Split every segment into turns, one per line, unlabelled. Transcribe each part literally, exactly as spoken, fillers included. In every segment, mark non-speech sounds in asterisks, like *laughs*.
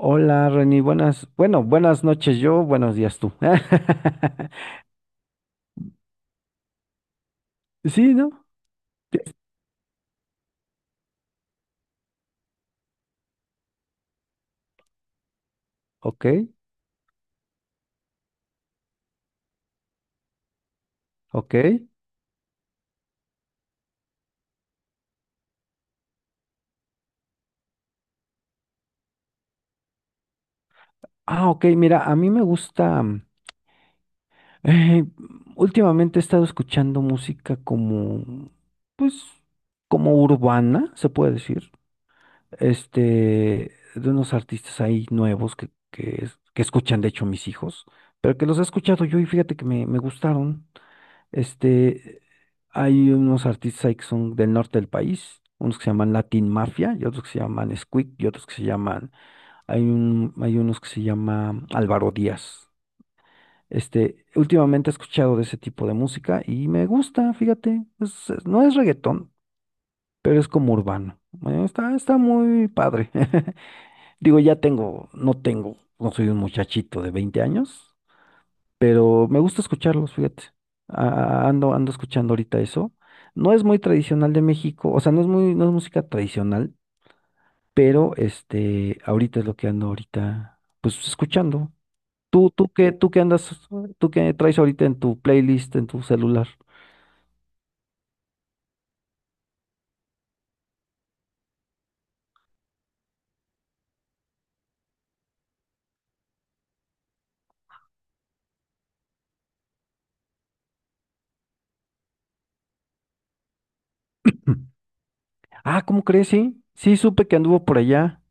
Hola, Reni, buenas, bueno, buenas noches yo, buenos días tú. *laughs* Sí, ¿no? Sí. Ok, ok. Ah, ok, mira, a mí me gusta, mm, eh, últimamente he estado escuchando música como, pues, como urbana, se puede decir, este, de unos artistas ahí nuevos que, que, es- que escuchan, de hecho, mis hijos, pero que los he escuchado yo y fíjate que me, me gustaron. Este, hay unos artistas ahí que son del norte del país, unos que se llaman Latin Mafia y otros que se llaman Squeak y otros que se llaman, hay un, hay unos que se llama Álvaro Díaz. Este, últimamente he escuchado de ese tipo de música y me gusta, fíjate, es- es- no es reggaetón, pero es como urbano. Eh, Está, está muy padre. *laughs* Digo, ya tengo, no tengo, no soy un muchachito de veinte años, pero me gusta escucharlos, fíjate. A- ando, ando escuchando ahorita eso. No es muy tradicional de México, o sea, no es muy, no es música tradicional, pero este, ahorita es lo que ando ahorita, pues escuchando. ¿Tú, tú qué, tú qué andas, tú qué traes ahorita en tu playlist, en tu celular? *clears throat* Mm. Ah, ¿cómo crees? Sí, sí, supe que anduvo por allá.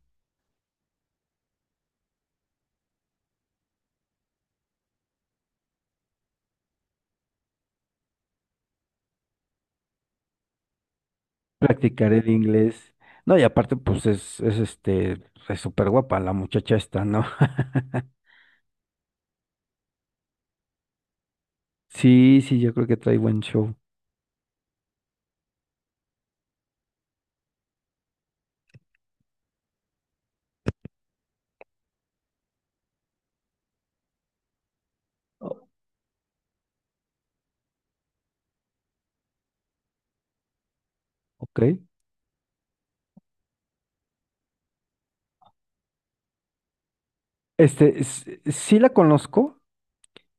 Practicaré el inglés. No, y aparte, pues es, es este, es súper guapa la muchacha esta, ¿no? *laughs* Sí, sí, yo creo que trae buen show. O- Ok. Este, s- sí la conozco,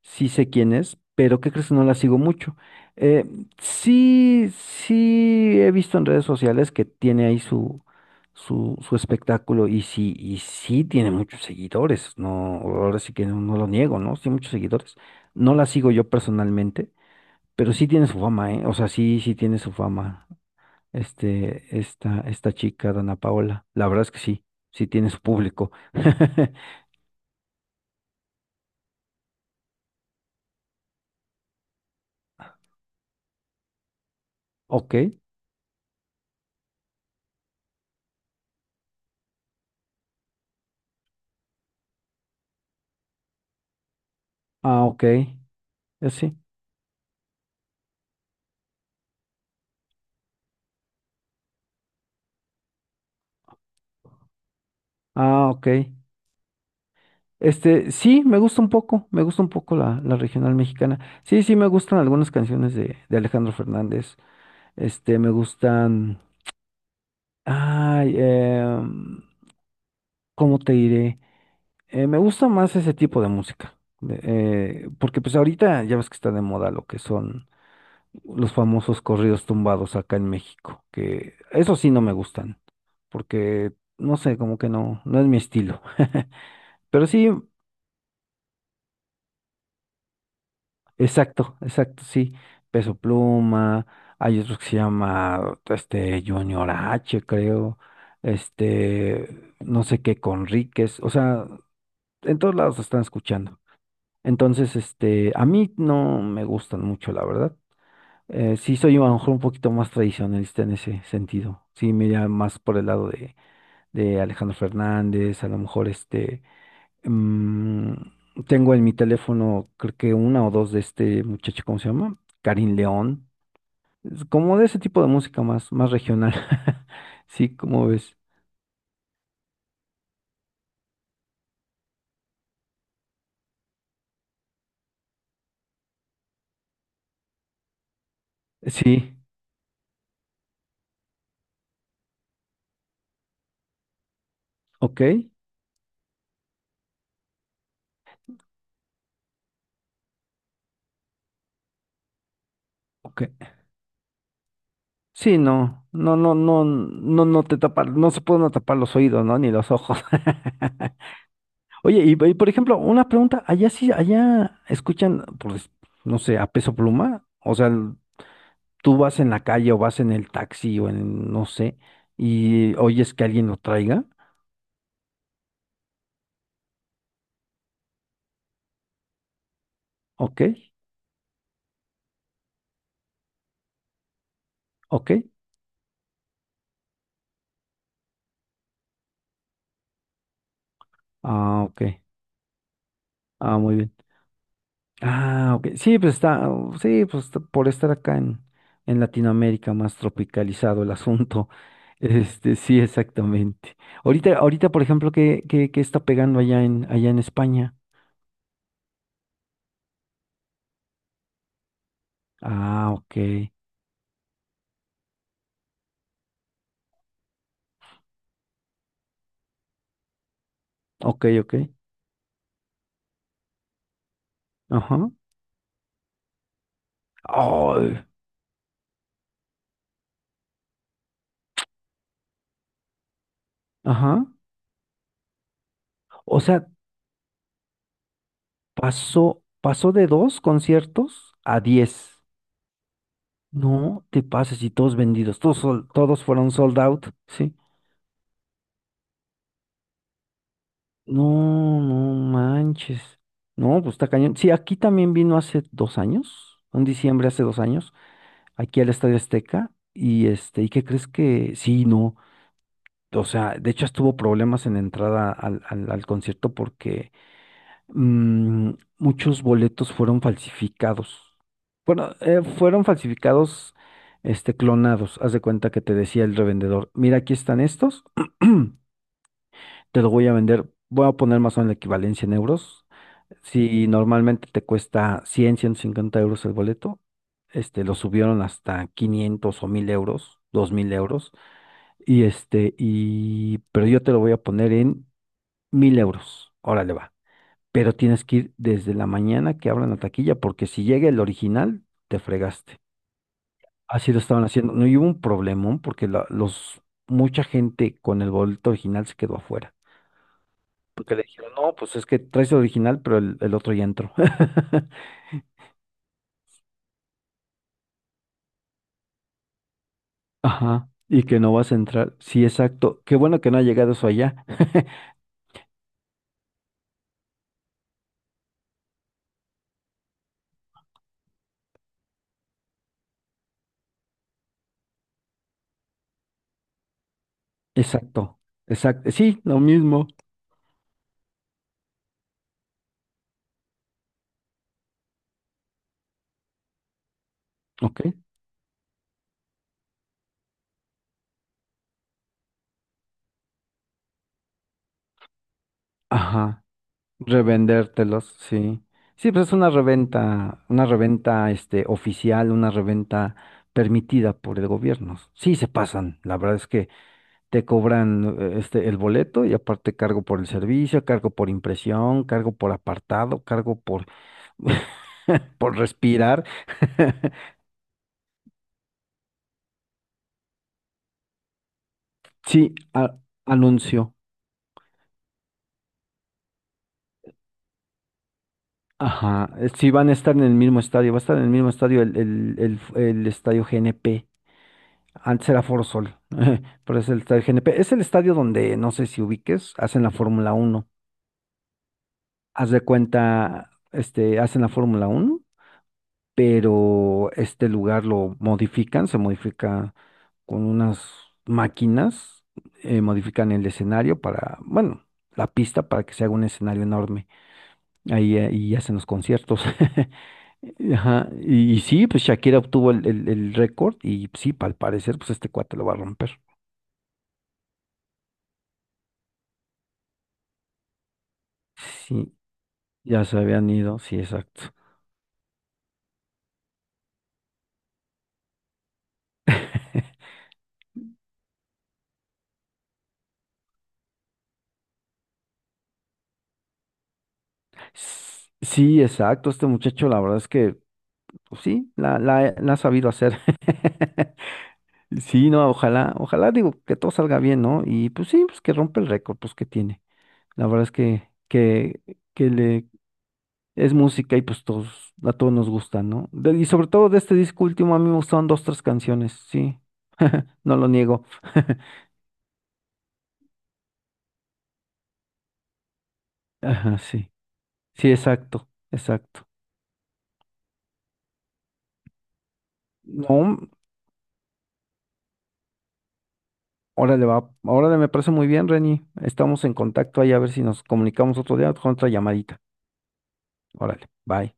sí sé quién es, pero ¿qué crees que no la sigo mucho? Eh, sí, sí he visto en redes sociales que tiene ahí su, su, su espectáculo y sí, y sí tiene muchos seguidores, no, ahora sí que no, no lo niego, ¿no? Sí, muchos seguidores. No la sigo yo personalmente, pero sí tiene su fama, ¿eh? O sea, sí, sí tiene su fama, este, esta, esta chica, Dana Paola. La verdad es que sí, sí tiene su público. *laughs* Ok, ah, ok. Eh, Sí. Ah, ok. Este, sí, me gusta un poco, me gusta un poco la, la regional mexicana. Sí, sí, me gustan algunas canciones de, de Alejandro Fernández. Este, me gustan. Ay, em, ¿cómo te diré? Eh, me gusta más ese tipo de música. de- eh, porque pues ahorita ya ves que está de moda lo que son los famosos corridos tumbados acá en México. Que eso sí no me gustan. Porque, no sé, como que no, no es mi estilo. *laughs* Pero sí. Exacto, exacto, sí. Peso Pluma, hay otro que se llama este Junior H, creo. Este, no sé qué, Conríquez. O sea, en todos lados lo están escuchando. Entonces, este, a mí no me gustan mucho, la verdad. Eh, sí soy a lo mejor un poquito más tradicionalista en ese sentido. Sí, me iría más por el lado de, de Alejandro Fernández, a lo mejor este. Mm, tengo en mi teléfono, creo que una o dos de este muchacho, ¿cómo se llama? Karin León. Es como de ese tipo de música más, más regional. *laughs* Sí, ¿cómo ves? Sí, ok, ok. Sí, no, no, no, no, no, no te tapa, no se pueden tapar los oídos, ¿no? Ni los ojos. *laughs* Oye, y, y, por ejemplo, una pregunta, allá sí, allá escuchan, pues, no sé, a Peso Pluma, o sea, tú vas en la calle o vas en el taxi o en no sé y oyes que alguien lo traiga, ok, ok, ah, ok, ah, muy bien, ah, ok, sí, pues está, uh, sí, pues está- por estar acá en, en, Latinoamérica más tropicalizado el asunto, *laughs* este, sí, exactamente. Ahorita, ahorita, por ejemplo, ¿qué, qué, qué está pegando allá en, allá en España? Ah, ok, ok, ok, ajá, ay, ajá. O sea, Pasó, pasó de dos conciertos a diez. No te pases y todos vendidos, todos, sol- todos fueron sold out, sí. No, no manches. No, pues está cañón. Sí, aquí también vino hace dos años, en diciembre hace dos años, aquí al Estadio Azteca. Y este, ¿y qué crees que? Sí, no. O sea, de hecho estuvo problemas en la entrada al, al, al concierto porque mm, muchos boletos fueron falsificados. Bueno, eh, fueron falsificados, este, clonados. Haz de cuenta que te decía el revendedor, mira, aquí están estos, *clears throat* te lo voy a vender, voy a poner más o menos la equivalencia en euros. Si normalmente te cuesta cien ciento cincuenta euros el boleto, este, lo subieron hasta quinientos o mil euros, dos mil euros, y este, y, pero yo te lo voy a poner en mil euros. Órale, va, pero tienes que ir desde la mañana que abran la taquilla, porque si llega el original, te fregaste. Así lo estaban haciendo. No, y hubo un problemón porque la- los, mucha gente con el boleto original se quedó afuera. Porque le dijeron, no, pues es que traes el original, pero el, el otro ya entró. *laughs* Ajá. Y que no vas a entrar. Sí, exacto. Qué bueno que no ha llegado eso allá. *laughs* Exacto. Exacto. Sí, lo mismo. Ok. Ajá. Revendértelos, sí. Sí, pues es una reventa, una reventa este oficial, una reventa permitida por el gobierno. Sí se pasan, la verdad es que te cobran eh, este el boleto y aparte cargo por el servicio, cargo por impresión, cargo por apartado, cargo por *laughs* por respirar. *laughs* Sí, a- anuncio. Ajá, eh, sí van a estar en el mismo estadio, va a estar en el mismo estadio el, el, el, f- el estadio G N P. Antes era Foro Sol, *laughs* pero es el estadio G N P. Es el estadio donde, no sé si ubiques, hacen la Fórmula Uno. Haz de cuenta, este, hacen la Fórmula Uno, pero este lugar lo modifican, se modifica con unas máquinas, eh, modifican el escenario para, bueno, la pista para que se haga un escenario enorme. Ahí, eh, y hacen los conciertos. *laughs* Ajá, Y, y sí, pues Shakira obtuvo el, el- el récord y sí, al parecer, pues este cuate lo va a romper. Sí, ya se habían ido, sí, exacto. S- Sí, exacto, este muchacho, la verdad es que, pues sí, la, la, la ha sabido hacer. *laughs* Sí, no, ojalá, ojalá, digo, que todo salga bien, ¿no? Y pues sí, pues que rompe el récord, pues que tiene. La verdad es que, que, que le, es música y pues todos, a todos nos gusta, ¿no? De- y sobre todo de este disco último, a mí me gustaron dos, tres canciones, sí, *laughs* no lo niego. *laughs* Ajá, sí, sí, exacto, exacto. No, Órale, va. Órale, me parece muy bien, Reni. Estamos en contacto ahí a ver si nos comunicamos otro día con otra llamadita. Órale, bye.